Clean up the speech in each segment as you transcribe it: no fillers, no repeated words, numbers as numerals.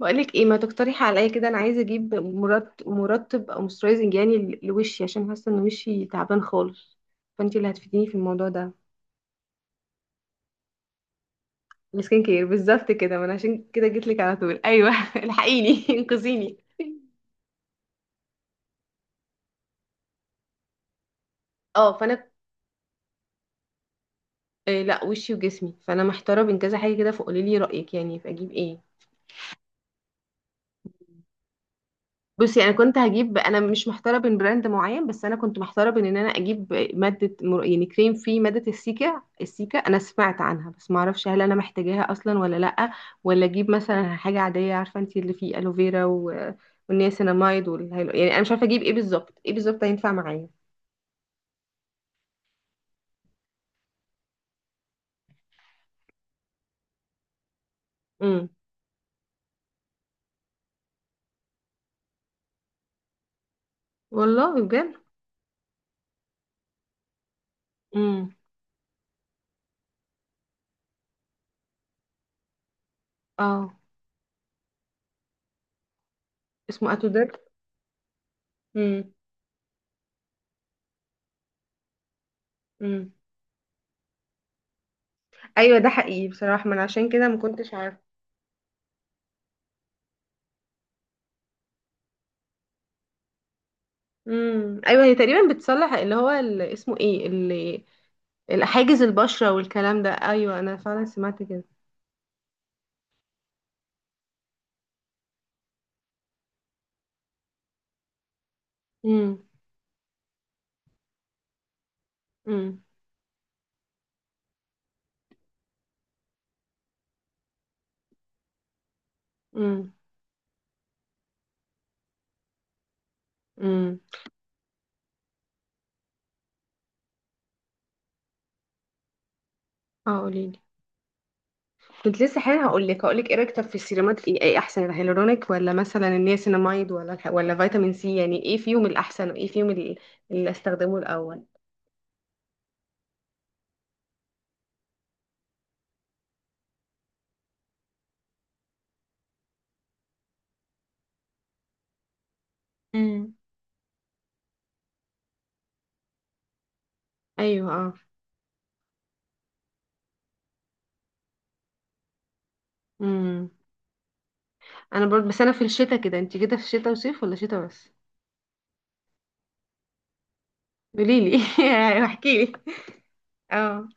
بقولك ايه، ما تقترحي عليا كده. انا عايزه اجيب مرطب او موسترايزنج، يعني لوشي، عشان حاسه ان وشي تعبان خالص. فانتي اللي هتفيديني في الموضوع ده. السكين كير بالظبط كده، ما انا عشان كده جيت لك على طول. ايوه الحقيني انقذيني. اه. آه، لا، وشي وجسمي، فانا محتاره بين كذا حاجه كده، فقولي لي رايك يعني، فاجيب ايه؟ بصي انا كنت هجيب انا مش محتاره بين براند معين، بس انا كنت محتاره بين ان انا اجيب ماده يعني كريم فيه ماده السيكا. السيكا انا سمعت عنها بس ما اعرفش هل انا محتاجاها اصلا ولا لا. ولا اجيب مثلا حاجه عاديه، عارفه انت اللي فيه الوفيرا والنياسيناميد والهيلو، يعني انا مش عارفه اجيب ايه بالظبط، ايه بالظبط هينفع معايا. امم. والله بجد. امم. اه. اسمه اتوداك. امم. امم. ايوه ده حقيقي بصراحه، ما انا عشان كده ما كنتش عارفه. امم. ايوه هي تقريبا بتصلح اللي هو اللي اسمه ايه، اللي حاجز البشرة والكلام ده، ايوه انا فعلا سمعت كده. امم. امم. امم. امم. اه قوليلي. كنت لسه حالا هقولك ايه رايك طب في السيرامات، ايه احسن، الهيالورونيك ولا مثلا النياسيناميد ولا ولا فيتامين سي، يعني ايه فيهم الاحسن وايه فيهم اللي استخدمه الاول؟ امم. ايوه اه. امم. انا برضه، بس انا في الشتاء كده. انت كده في الشتاء وصيف ولا شتاء بس؟ قوليلي. احكيلي. اه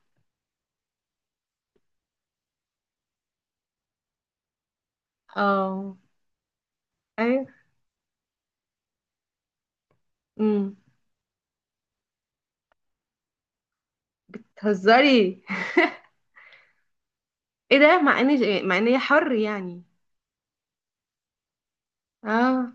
اه. ايوه. امم. تهزري؟ ايه ده، مع ان مع ان هي حر يعني. اه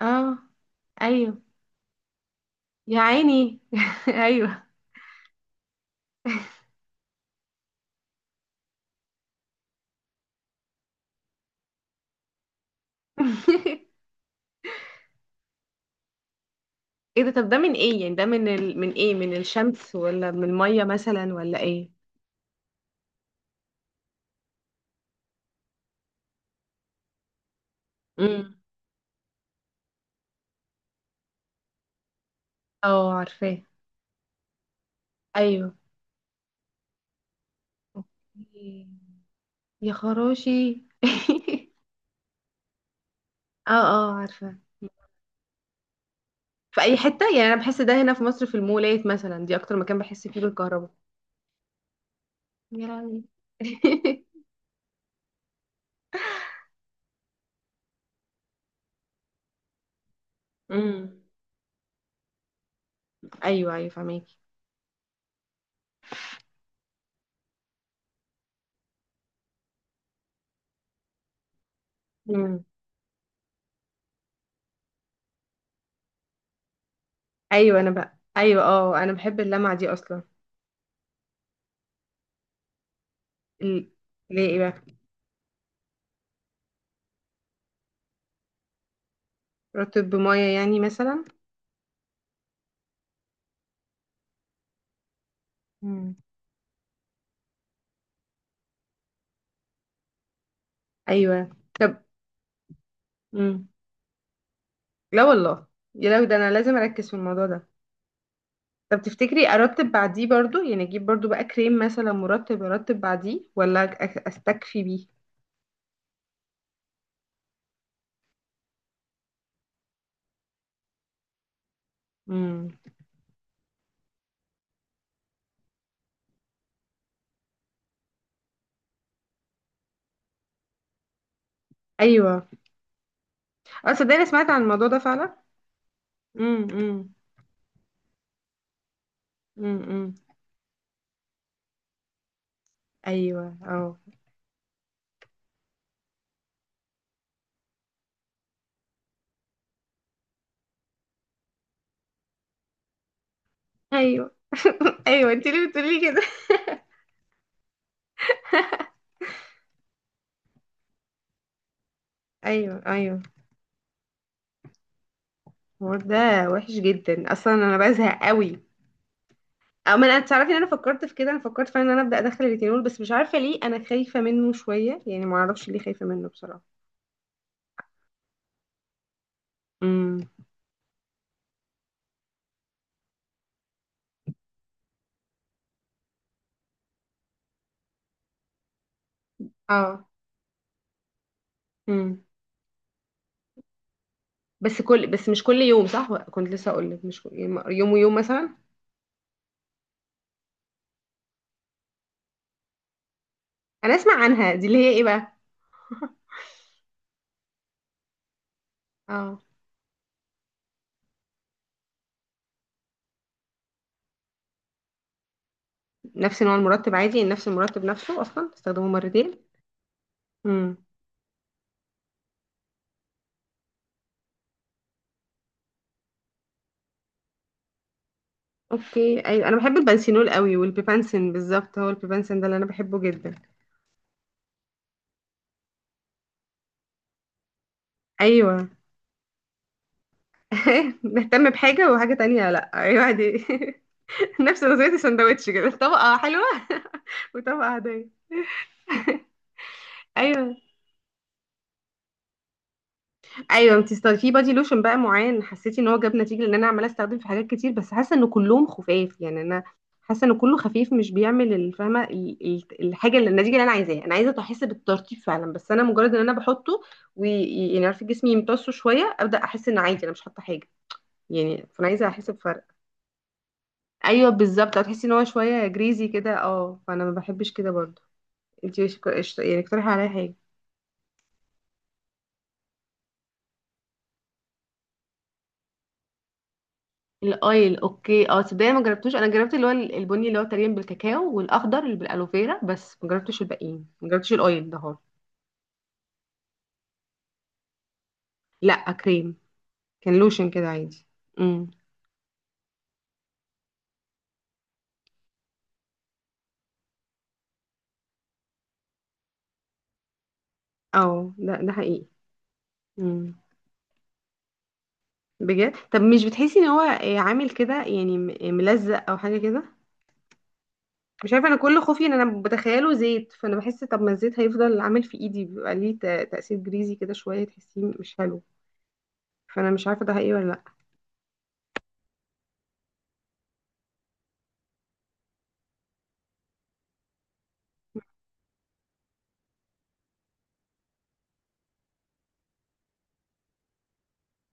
اه. ايوه. يا عيني ايوه. ايه ده، طب ده من ايه يعني، ده من من ايه، من الشمس ولا من الميه مثلا ولا ايه؟ امم. اه عارفاه. ايوه. أوكي. يا خراشي اه اه عارفه. في اي حته يعني، انا بحس ده هنا في مصر، في المولات مثلا، دي اكتر مكان بحس فيه بالكهرباء. يا لهوي. امم. ايوه ايوه فهماكي. امم. ايوه انا بقى، ايوه اه انا بحب اللمعه دي اصلا. ال- ليه ايه بقى؟ رطب بميه يعني مثلا؟ مم. ايوه. طب. امم. لا والله، يا لو ده انا لازم اركز في الموضوع ده. طب تفتكري ارتب بعديه برضو، يعني اجيب برضو بقى كريم مثلا مرطب ارتب بعديه ولا استكفي بيه؟ امم. ايوه اه صدقني، أنا سمعت عن الموضوع ده فعلا. امم. امم. امم. ايوه اه. ايوه ايوه انت ليه بتقولي كده؟ ايوه ايوه. الحوار ده وحش جدا اصلا، انا بزهق قوي. او ما انا تعرفي ان انا فكرت في كده، انا فكرت فعلا ان انا ابدا ادخل الريتينول، بس مش عارفه ليه انا خايفه منه شويه، يعني ما اعرفش ليه خايفه منه بصراحه. امم. اه. امم. بس كل، بس مش كل يوم، صح؟ كنت لسه اقول لك مش يوم ويوم مثلا. انا اسمع عنها دي، اللي هي ايه بقى؟ اه. نفس نوع المرطب عادي؟ نفس المرطب نفسه اصلا استخدمه مرتين؟ امم. اوكي ايوه انا بحب البنسينول قوي والبيبانسين، بالظبط هو البيبانسين ده اللي انا بحبه جدا. ايوه نهتم بحاجة وحاجة تانية، لأ أيوة دي. نفس نظرية السندوتش كده، طبقة حلوة وطبقة عادية. أيوة أيوة. انتي في بادي لوشن بقى معين حسيتي إن هو جاب نتيجة؟ لأن أنا عمالة أستخدم في حاجات كتير بس حاسة إن كلهم خفاف، يعني أنا حاسة إن كله خفيف مش بيعمل الفهمة الحاجة، اللي النتيجة اللي أنا عايزاها. أنا عايزة أحس بالترطيب فعلا، بس أنا مجرد إن أنا بحطه ويعني عارفة جسمي يمتصه شوية أبدأ أحس إن عادي أنا مش حاطة حاجة، يعني فأنا عايزة أحس بفرق. ايوه بالظبط، هتحسي ان هو شويه جريزي كده، اه فانا ما بحبش كده برضه. انتي يعني اقترحي عليا حاجه. الاويل، اوكي اه. تصدقي أنا ما جربتوش، انا جربت اللي هو البني اللي هو تقريبا بالكاكاو، والاخضر اللي بالالوفيرا، بس ما جربتش الباقيين، ما جربتش الاويل ده هو. لا كريم. كان لوشن كده عادي. امم. اه ده حقيقي. امم. بجد؟ طب مش بتحسي ان هو آه، عامل كده يعني ملزق او حاجه كده؟ مش عارفه، انا كل خوفي ان انا بتخيله زيت، فانا بحس طب ما الزيت هيفضل عامل في ايدي بيبقى ليه تاثير جريزي كده شويه تحسيه مش حلو. فانا مش عارفه ده حقيقي ولا لا.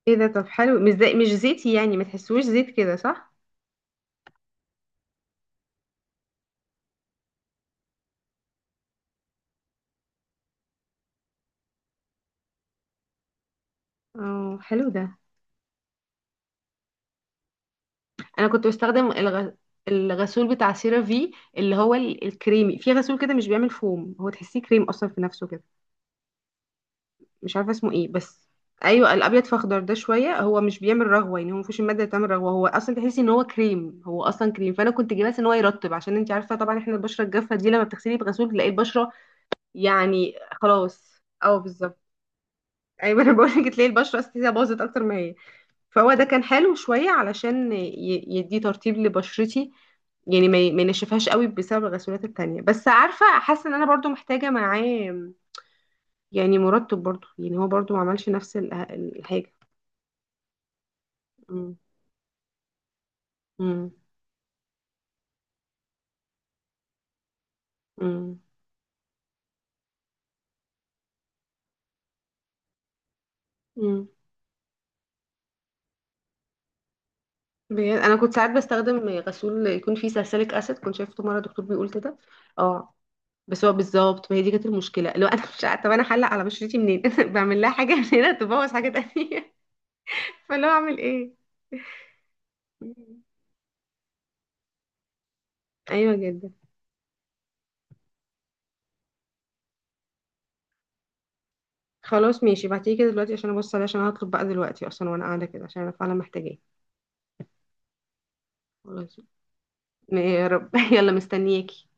ايه ده، طب حلو، مش زي، مش زيتي يعني، ما تحسوش زيت كده صح؟ اه حلو ده. انا كنت بستخدم الغسول بتاع سيرافي، اللي هو الكريمي، في غسول كده مش بيعمل فوم، هو تحسيه كريم اصلا في نفسه كده، مش عارفه اسمه ايه بس. ايوه الابيض، فاخضر ده شويه، هو مش بيعمل رغوه يعني، هو مفيش الماده اللي بتعمل رغوه، هو اصلا تحسي ان هو كريم، هو اصلا كريم. فانا كنت جايباه ان هو يرطب، عشان انت عارفه طبعا احنا البشره الجافه دي لما بتغسلي بغسول تلاقي البشره يعني، خلاص اه بالظبط. ايوه انا بقول لك تلاقي البشره اصلا تحسيها باظت اكتر ما هي. فهو ده كان حلو شويه علشان يدي ترطيب لبشرتي، يعني ما ينشفهاش قوي بسبب الغسولات التانية، بس عارفة حاسة ان انا برضو محتاجة معاه، يعني مرطب برضو، يعني هو برضو ما عملش نفس الحاجة. مم. مم. مم. مم. بجد انا كنت ساعات بستخدم غسول يكون فيه ساليسيليك اسيد، كنت شايفته مره دكتور بيقول كده. اه. بس هو بالظبط ما هي دي كانت المشكله، لو انا مش عارفه طب انا هحلق على بشرتي منين؟ بعمل لها حاجه من هنا تبوظ حاجه تانية. فاللي هو اعمل ايه؟ مم. ايوه جدا. خلاص ماشي، ابعتيه كده دلوقتي عشان ابص عليه، عشان أنا هطلب بقى دلوقتي اصلا وانا قاعده كده، عشان انا فعلا محتاجاه. خلاص. يا رب يلا مستنياكي.